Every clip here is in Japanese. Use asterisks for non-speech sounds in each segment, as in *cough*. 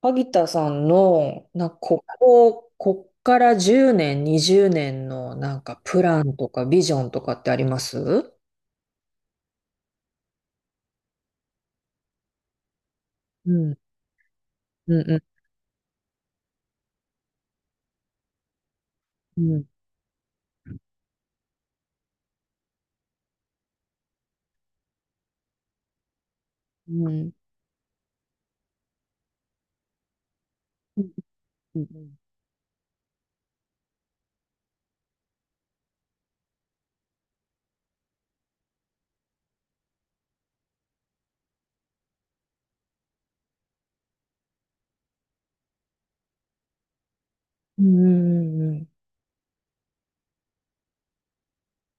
萩田さんの、な、ここ、こっから10年、20年のなんかプランとかビジョンとかってありますう？ん、うん、うん、うん、うん、うん、うん、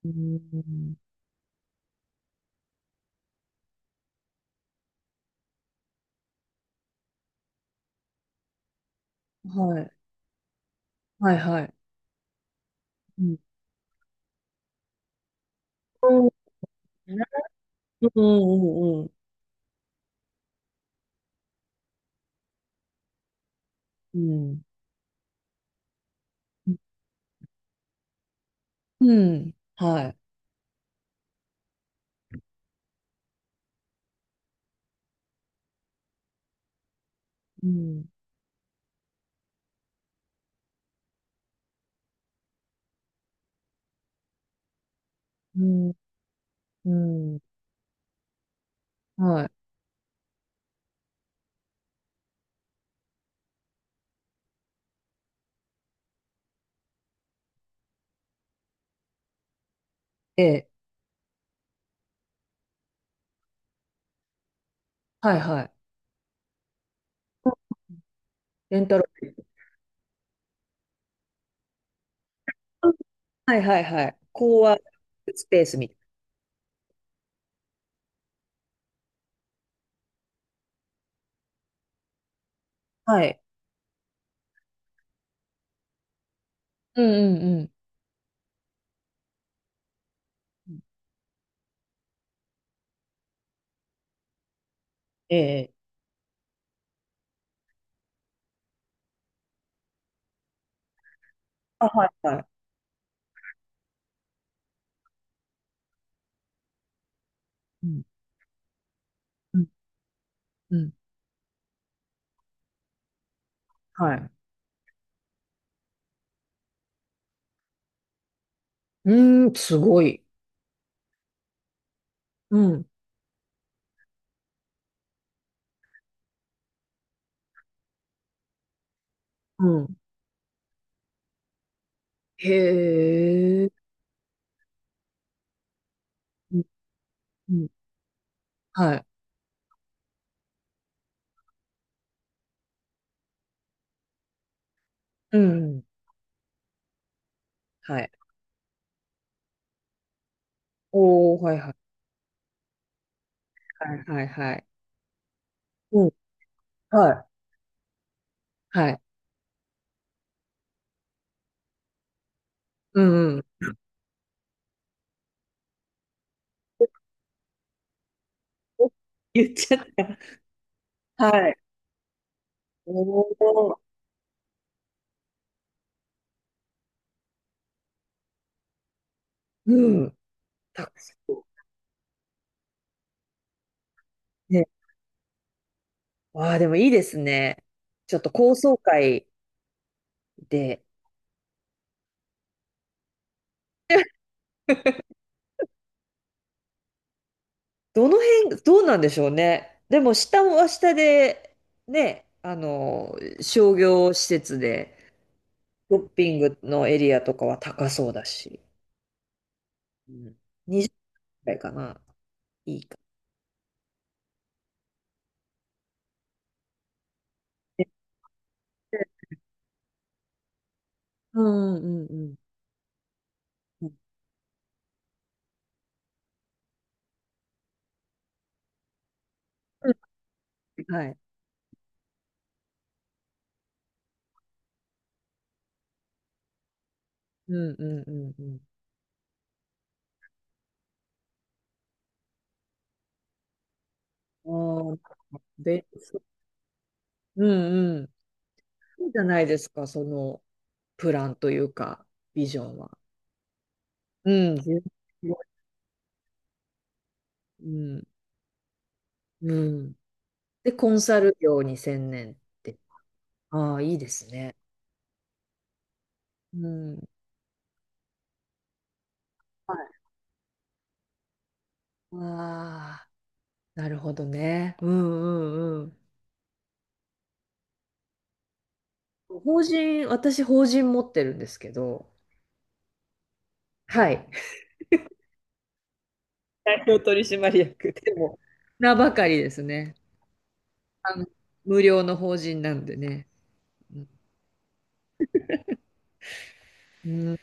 うん、うん、はい、はい、はい。うん、うん、うん、うんうん、うん、うんはい、うん、うん、うん、はい、ええ、はい、はい。レンタル、はい、はい、はい。こうスペースみたいな。はい。うんうんうん。ええ。あ、はい、はい。うん、うん、うん。はい。うーん、すごい。うん。うん。へえ。うん、うん。はい。うん。はい。おお、はいはいはいはいはい。うん。はい。はい。うんうん。お言っちゃった。はい。おお。うん。たくさん。ね。わあ、でもいいですね。ちょっと高層階で。*laughs* どの辺、どうなんでしょうね。でも、下は下で、ね、あの、商業施設で、ショッピングのエリアとかは高そうだし、うん。くらいかな。いいか。うんうんうんうん。うんはい。うんうんうんうん。ああ、で、そうんうん。いいじゃないですか、そのプランというか、ビジョンは。うん。うん。うん。で、コンサル業に専念って。ああ、いいですね。うん。はいああ、なるほどね。うんうんうん。法人、私法人持ってるんですけど、はい。*laughs* 代表取締役で。も、名ばかりですね。あの、無料の法人なんでね。うん、うん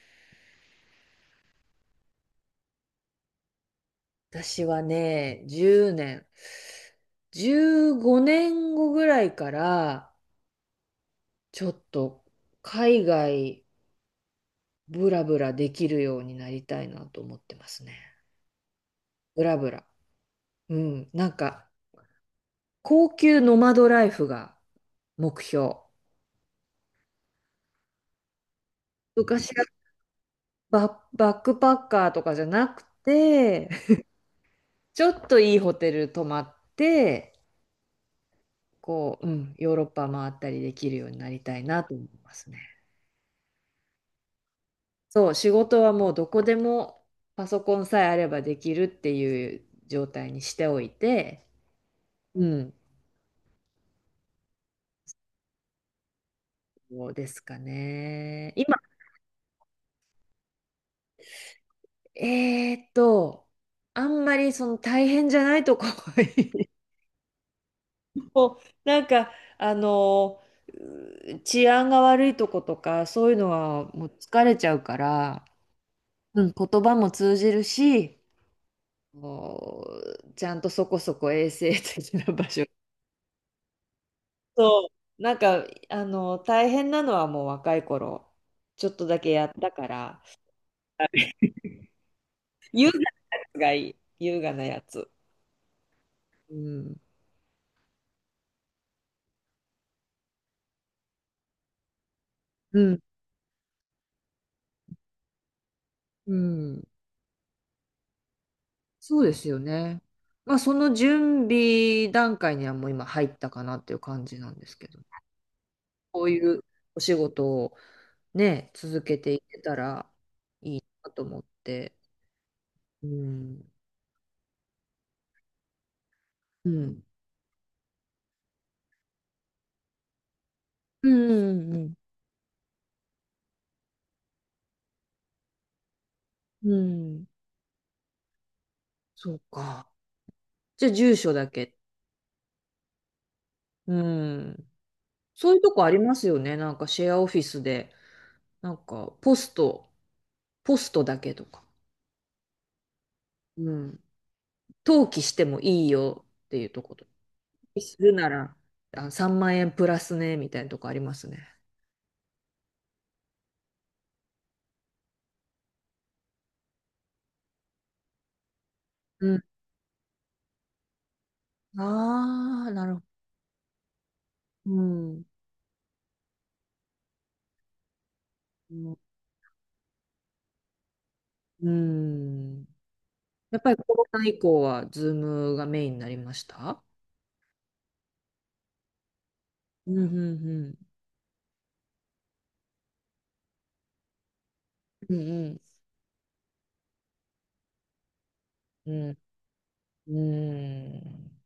私はね、10年、15年後ぐらいから、ちょっと海外ブラブラできるようになりたいなと思ってますね。ブラブラ。うん、なんか、高級ノマドライフが目標。昔はバックパッカーとかじゃなくて、*laughs* ちょっといいホテル泊まって、こう、うん、ヨーロッパ回ったりできるようになりたいなと思いますね。そう、仕事はもうどこでもパソコンさえあればできるっていう状態にしておいて、うん、そうですかね。今、えーっと、あんまりその大変じゃないとこ *laughs* もうなんかあのう治安が悪いとことかそういうのはもう疲れちゃうから、うん、言葉も通じるしもうちゃんとそこそこ衛生的な場所。そう、なんかあの大変なのはもう若い頃ちょっとだけやったから、優雅がいい、優雅なやつ。うんうん、うん、そうですよね。まあ、その準備段階にはもう今入ったかなっていう感じなんですけど。こういうお仕事をね、続けていけたらいいなと思って。うん。うん。うん。うん。うん。そうか。じゃあ、住所だけ。うん。そういうとこありますよね。なんかシェアオフィスで、なんかポスト、ポストだけとか。うん。登記してもいいよっていうとこと。するなら、あ、3万円プラスね、みたいなとこありますね。うん。ああ、なるほど。うん。うんうん。やっぱりコロナ以降はズームがメインになりました？うんうんうん。うんうん。うん。うん。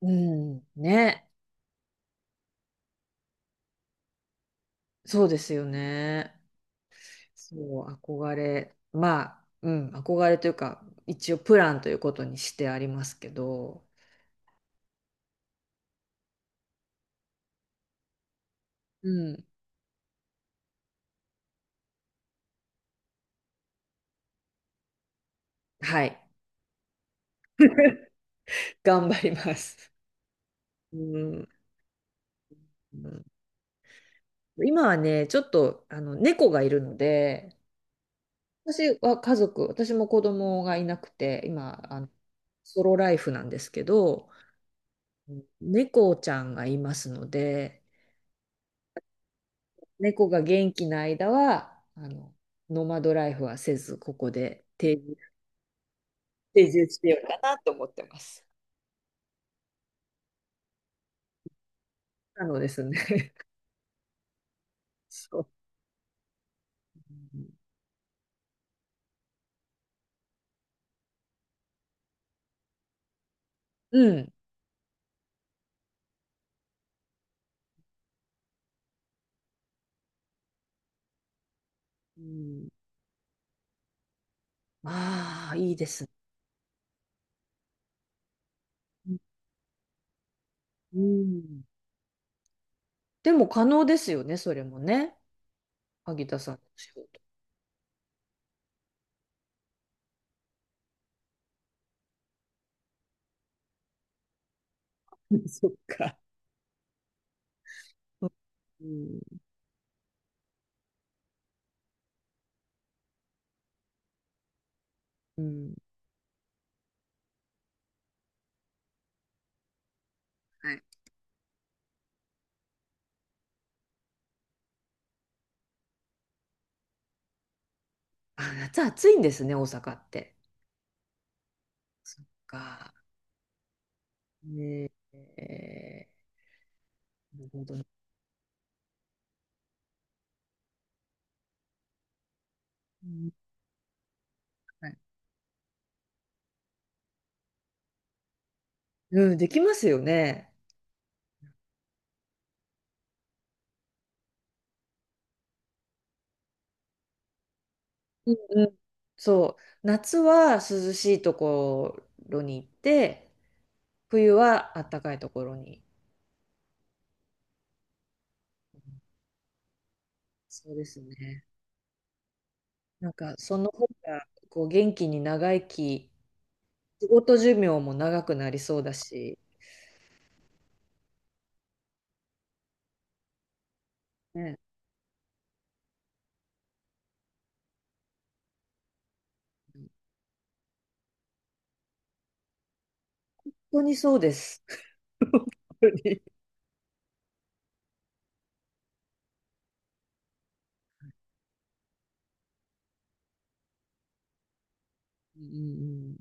うんね。そうですよね。そう、憧れ。まあ、うん、憧れというか、一応プランということにしてありますけど、うん。はい。頑張ります。うん。うん、今はね、ちょっとあの猫がいるので、私は家族、私も子供がいなくて、今、あの、ソロライフなんですけど、猫ちゃんがいますので、猫が元気な間は、あの、ノマドライフはせず、ここで定住、定住してようかなと思ってます。なのですね。*laughs* そう。うん。うん。ああ、いいですね。うん。でも可能ですよね、それもね。萩田さんの仕事。*laughs* そっか。うん。うん。はい。あ、夏暑いんですね、大阪って。そっか。ねえ、なるほどね。うん。はい。うん、できますよね。うんうん。そう。夏は涼しいところに行って、冬は暖かいところに。そうですね。なんか、その方が、こう、元気に長生き、仕事寿命も長くなりそうだし、ね。うん。本当にそうです。*laughs* 本当に。うんうんうん。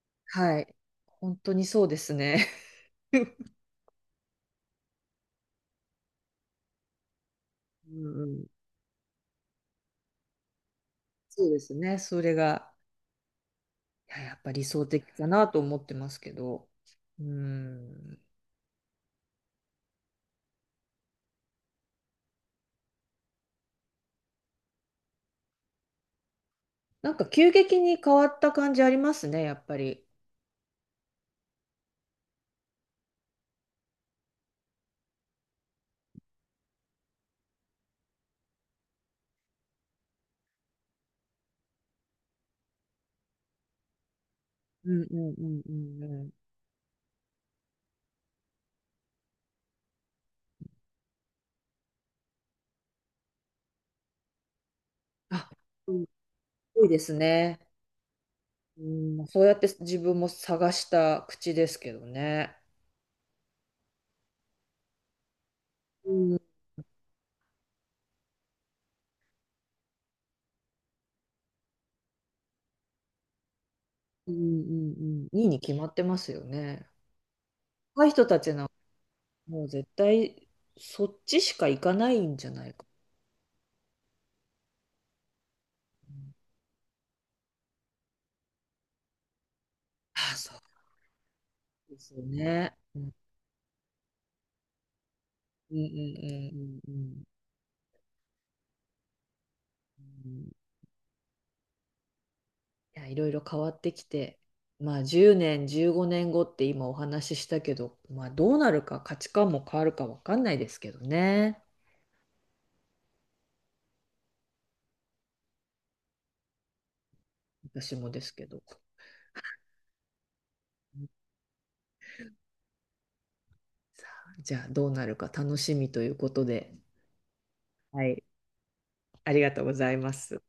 *laughs* はい。本当にそうですね。*laughs* うんうん、そうですね。それが、いや、やっぱ理想的かなと思ってますけど。うん。なんか急激に変わった感じありますね、やっぱり。うんうんうんうんうん。あ、うん、多いですね。うん、そうやって自分も探した口ですけどね。うんうんうんうん。いいに決まってますよね。若い人たちなん、もう絶対そっちしか行かないんじゃないかな。あ、そうですよね。うんうんうんうんうんうんうん。いや、いろいろ変わってきて、まあ10年、15年後って今お話ししたけど、まあどうなるか価値観も変わるかわかんないですけどね。私もですけど。じゃあどうなるか楽しみということで、はい、ありがとうございます。